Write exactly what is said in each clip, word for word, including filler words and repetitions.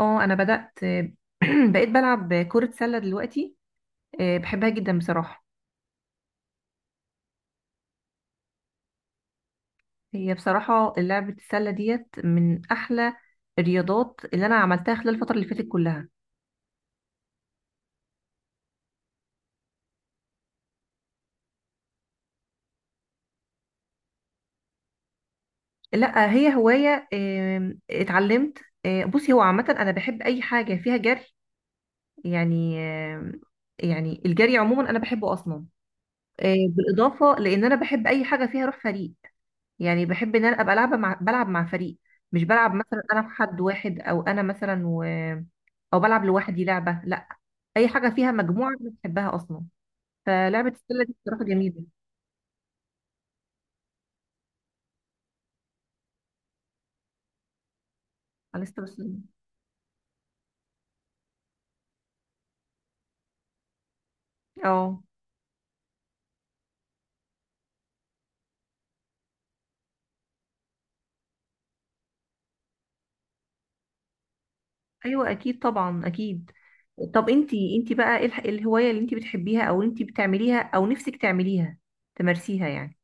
اه، انا بدأت. بقيت بلعب كرة سلة دلوقتي. آه، بحبها جدا بصراحة. هي بصراحة لعبة السلة ديت من احلى الرياضات اللي انا عملتها خلال الفترة اللي فاتت كلها. لا، هي هواية، آم، اتعلمت. آه، بصي، هو عامة انا بحب اي حاجة فيها جري. يعني آم، يعني الجري عموما انا بحبه اصلا. آه، بالاضافة لان انا بحب اي حاجة فيها روح فريق. يعني بحب ان انا ابقى لعبه مع بلعب مع فريق، مش بلعب مثلا انا في حد واحد، او انا مثلا و... او بلعب لوحدي لعبه. لا، اي حاجه فيها مجموعه انا بحبها اصلا. فلعبه السله دي بصراحه جميله. على لسه بس. اه، ايوه، اكيد، طبعا اكيد. طب، انتي انتي بقى ايه الح- الهوايه اللي انتي بتحبيها، او انتي بتعمليها، او نفسك تعمليها، تمارسيها يعني.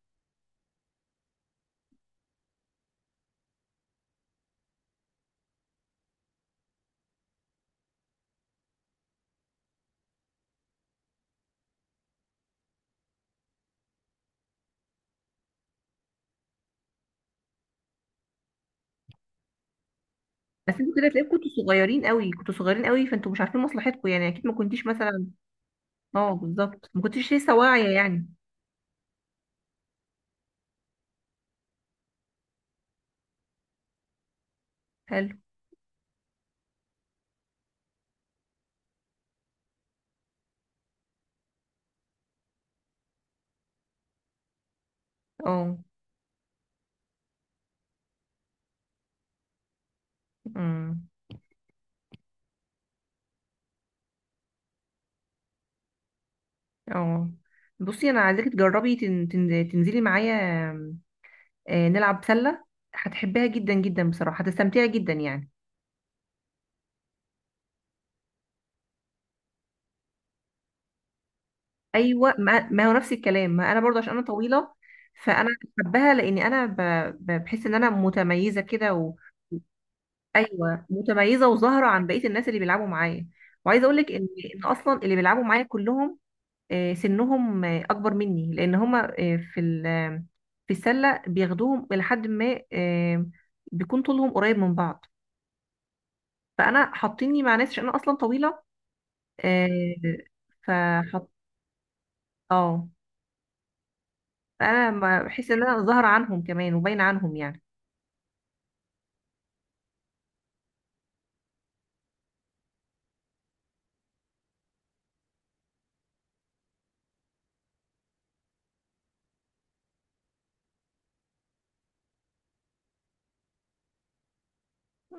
بس انتوا كده تلاقيكم كنتوا صغيرين قوي، كنتوا صغيرين قوي، فانتوا مش عارفين مصلحتكم يعني، اكيد ما كنتيش مثلا. اه، بالظبط، ما كنتيش لسه واعيه يعني. حلو. اه. امم. اه. بصي، انا عايزاكي تجربي، تن... تن... تنزلي معايا. آه، نلعب سله. هتحبيها جدا جدا بصراحه، هتستمتعي جدا يعني. ايوه، ما, ما هو نفس الكلام، ما انا برضه عشان انا طويله، فانا بحبها لان انا ب... ب- بحس ان انا متميزه كده و... ايوه، متميزه وظاهره عن بقيه الناس اللي بيلعبوا معايا. وعايزه اقول لك ان ان اصلا اللي بيلعبوا معايا كلهم، آه، سنهم آه، اكبر مني، لان هما آه، في ال- آه، في السله بياخدوهم لحد ما آه، بيكون طولهم قريب من بعض. فانا حاطيني مع ناس عشان انا اصلا طويله، آه، فحط اه، فانا ما- بحس ان انا ظاهره عنهم كمان وباينه عنهم يعني.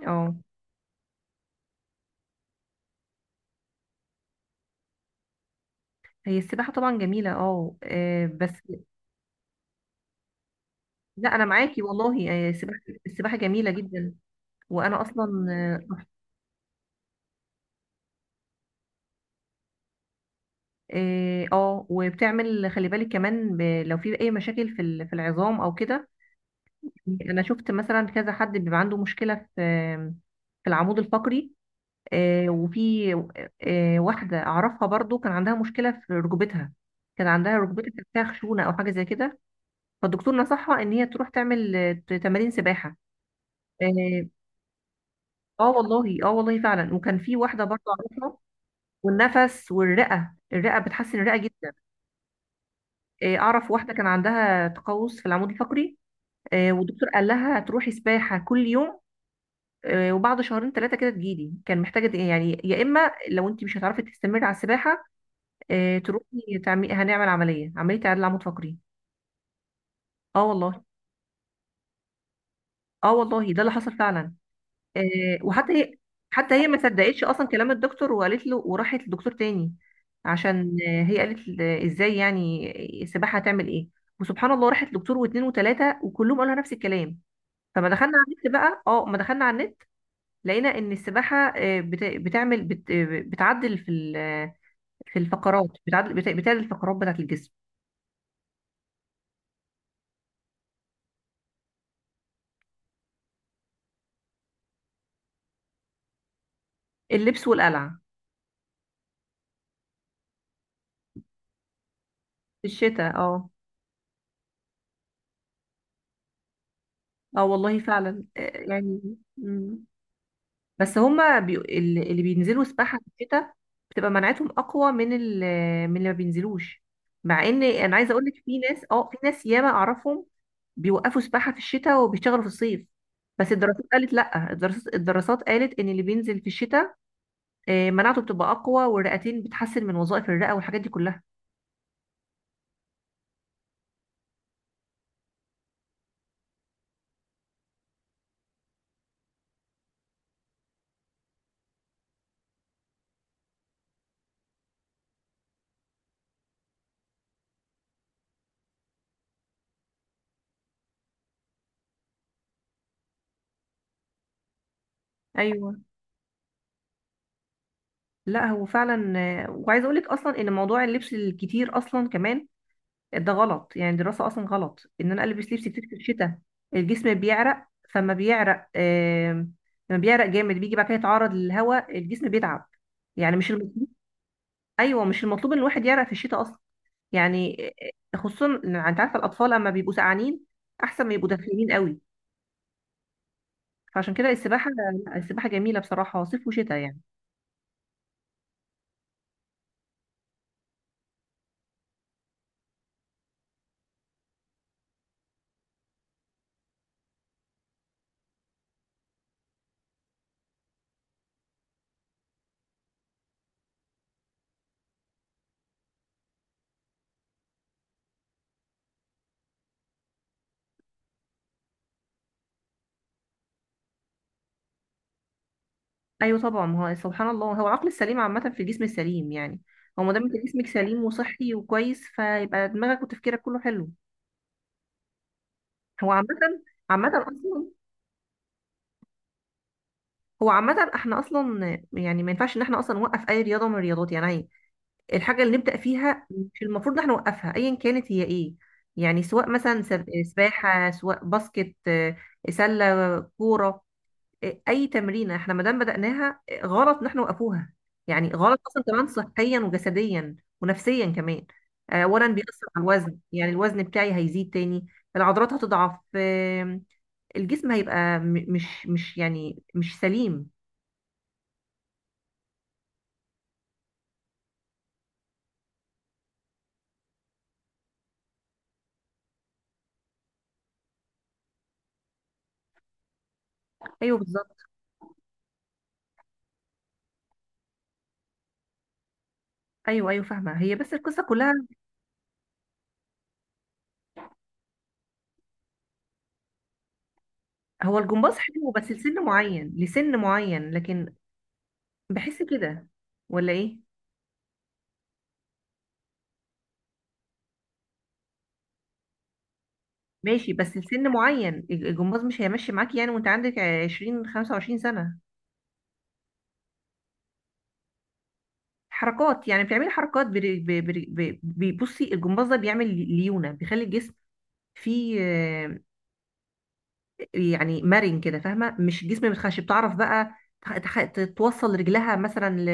اه، هي السباحه طبعا جميله، اه، آه، بس، لا انا معاكي والله، آه، السباحه السباحه جميله جدا. وانا اصلا اه، آه، وبتعمل خلي بالك كمان، ب- لو في اي مشاكل في ال- في العظام او كده. يعني انا شفت مثلا كذا حد بيبقى عنده مشكله في في العمود الفقري، آه، وفي آه، واحده اعرفها برضو كان عندها مشكله في ركبتها، كان عندها ركبتها كان فيها خشونه او حاجه زي كده. فالدكتور نصحها ان هي تروح تعمل آه، تمارين سباحه. اه، آه والله، اه والله فعلا، وكان في واحده برضو اعرفها. والنفس، والرئه الرئه بتحسن الرئه جدا. آه، اعرف واحده كان عندها تقوس في العمود الفقري. آه، والدكتور قال لها تروحي سباحه كل يوم. آه، وبعد شهرين ثلاثة كده تجيلي، كان محتاجة د- يعني، يا إما لو أنت مش هتعرفي تستمري على السباحة، آه، تروحي تعمي هنعمل عملية عملية عدل عمود فقري. اه والله. اه والله، ده اللي حصل فعلا. آه، وحتى هي حتى هي ما صدقتش أصلا كلام الدكتور، وقالت له، وراحت للدكتور تاني، عشان آه، هي قالت ل- إزاي يعني السباحة هتعمل إيه؟ وسبحان الله راحت لدكتور واتنين وتلاتة، وكلهم قالوا لها نفس الكلام. فما دخلنا على النت بقى، اه ما دخلنا على النت، لقينا ان السباحه آه، بت- بتعمل بت- بتعدل في ال في الفقرات، بتعدل بت- بتعدل الفقرات بتاعت الجسم. اللبس والقلع. في الشتاء. اه، اه والله فعلا، آه، يعني مم. بس هما بي... ال- اللي بينزلوا سباحة في الشتاء بتبقى مناعتهم أقوى من ال... من اللي ما بينزلوش. مع إن أنا عايزة أقولك، في ناس اه في ناس ياما أعرفهم بيوقفوا سباحة في الشتاء وبيشتغلوا في الصيف، بس الدراسات قالت لأ، الدراسات الدراسات قالت إن اللي بينزل في الشتاء آه، مناعته بتبقى أقوى، والرئتين بتحسن من وظائف الرئة والحاجات دي كلها. ايوه. لا هو فعلا. آه، وعايزه اقول لك اصلا ان موضوع اللبس الكتير اصلا كمان ده غلط. يعني دراسه، اصلا غلط ان انا البس لبس كتير في الشتاء، الجسم بيعرق، فما بيعرق آم، لما بيعرق جامد بيجي بعد كده يتعرض للهواء الجسم بيتعب. يعني مش المطلوب. ايوه، مش المطلوب ان الواحد يعرق في الشتاء اصلا يعني. آه، خصوصا إن انت عارفه، الاطفال اما بيبقوا سقعانين احسن ما يبقوا دافئين قوي. فعشان كده السباحه، لا، السباحه جميله بصراحه صيف وشتاء يعني. ايوه طبعا، ما هو سبحان الله، هو العقل السليم عامه في الجسم السليم يعني. هو ما دام انت جسمك سليم وصحي وكويس، فيبقى دماغك وتفكيرك كله حلو. هو عامه، عامه اصلا. هو عامه، احنا اصلا يعني ما ينفعش ان احنا اصلا نوقف اي رياضه من الرياضات يعني. أي- الحاجه اللي نبدا فيها مش المفروض ان احنا نوقفها، ايا كانت هي ايه. يعني سواء مثلا سب- سباحه، سواء باسكت آه، سله، كوره، اي تمرينه احنا ما دام بدأناها، غلط ان احنا وقفوها. يعني غلط اصلا كمان، صحيا وجسديا ونفسيا كمان. آه، اولا بيأثر على الوزن، يعني الوزن بتاعي هيزيد تاني. العضلات هتضعف، آم، الجسم هيبقى م- مش مش يعني مش سليم. ايوه بالظبط. ايوه، ايوه، فاهمه. هي بس القصه كلها. هو الجمباز حلو بس لسن معين، لسن معين، لكن. بحس كده. ولا ايه؟ ماشي، بس لسن معين الجمباز مش هيمشي معاك يعني وانت عندك عشرين، خمسة وعشرين سنه. حركات يعني بتعملي حركات، بري بري بري بري- بصي، الجمباز ده بيعمل ليونة، بيخلي الجسم فيه آه، يعني مرن كده، فاهمة؟ مش جسم متخش، بتعرف بقى تخ- تخ- توصل رجلها مثلا ل...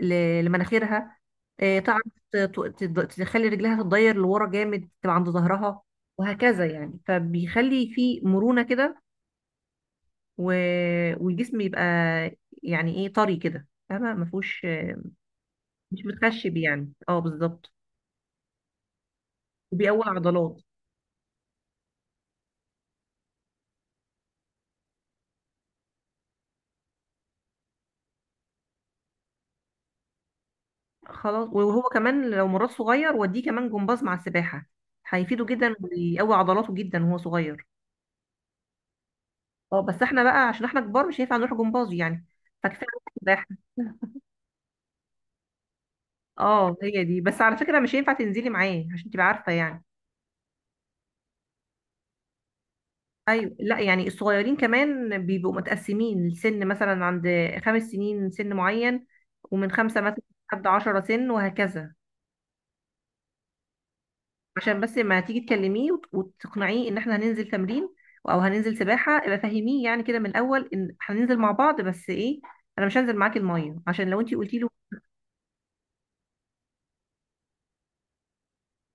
ل... لمناخيرها. آه، تعرف ت- ت- ت- تخلي رجلها تتضير لورا جامد، تبقى عند ظهرها، وهكذا يعني، فبيخلي فيه مرونة كده و... والجسم يبقى يعني ايه، طري كده، فاهمة؟ مفهوش، مش متخشب يعني، اه بالظبط. وبيقوي عضلات. خلاص، وهو كمان لو مراد صغير وديه كمان جمباز مع السباحة هيفيده جدا ويقوي عضلاته جدا وهو صغير. اه، بس احنا بقى عشان احنا كبار مش هينفع نروح جمباز يعني، فكفاية نروح سباحة. اه، هي دي بس على فكرة، مش هينفع تنزلي معاه عشان تبقى عارفة يعني. ايوه، لا يعني الصغيرين كمان بيبقوا متقسمين السن، مثلا عند خمس سنين سن معين، ومن خمسة مثلا لحد عشرة سن، وهكذا. عشان بس لما تيجي تكلميه وت- وتقنعيه ان احنا هننزل تمرين، او هننزل سباحه، ابقى فهميه يعني كده من الاول ان هننزل مع بعض، بس ايه، انا مش هنزل معاكي الميه، عشان لو انتي قلتي له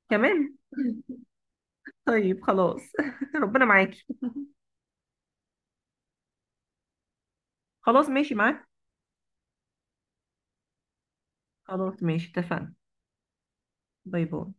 كمان. طيب خلاص. ربنا معاكي. خلاص ماشي معاك. خلاص ماشي اتفقنا. باي باي.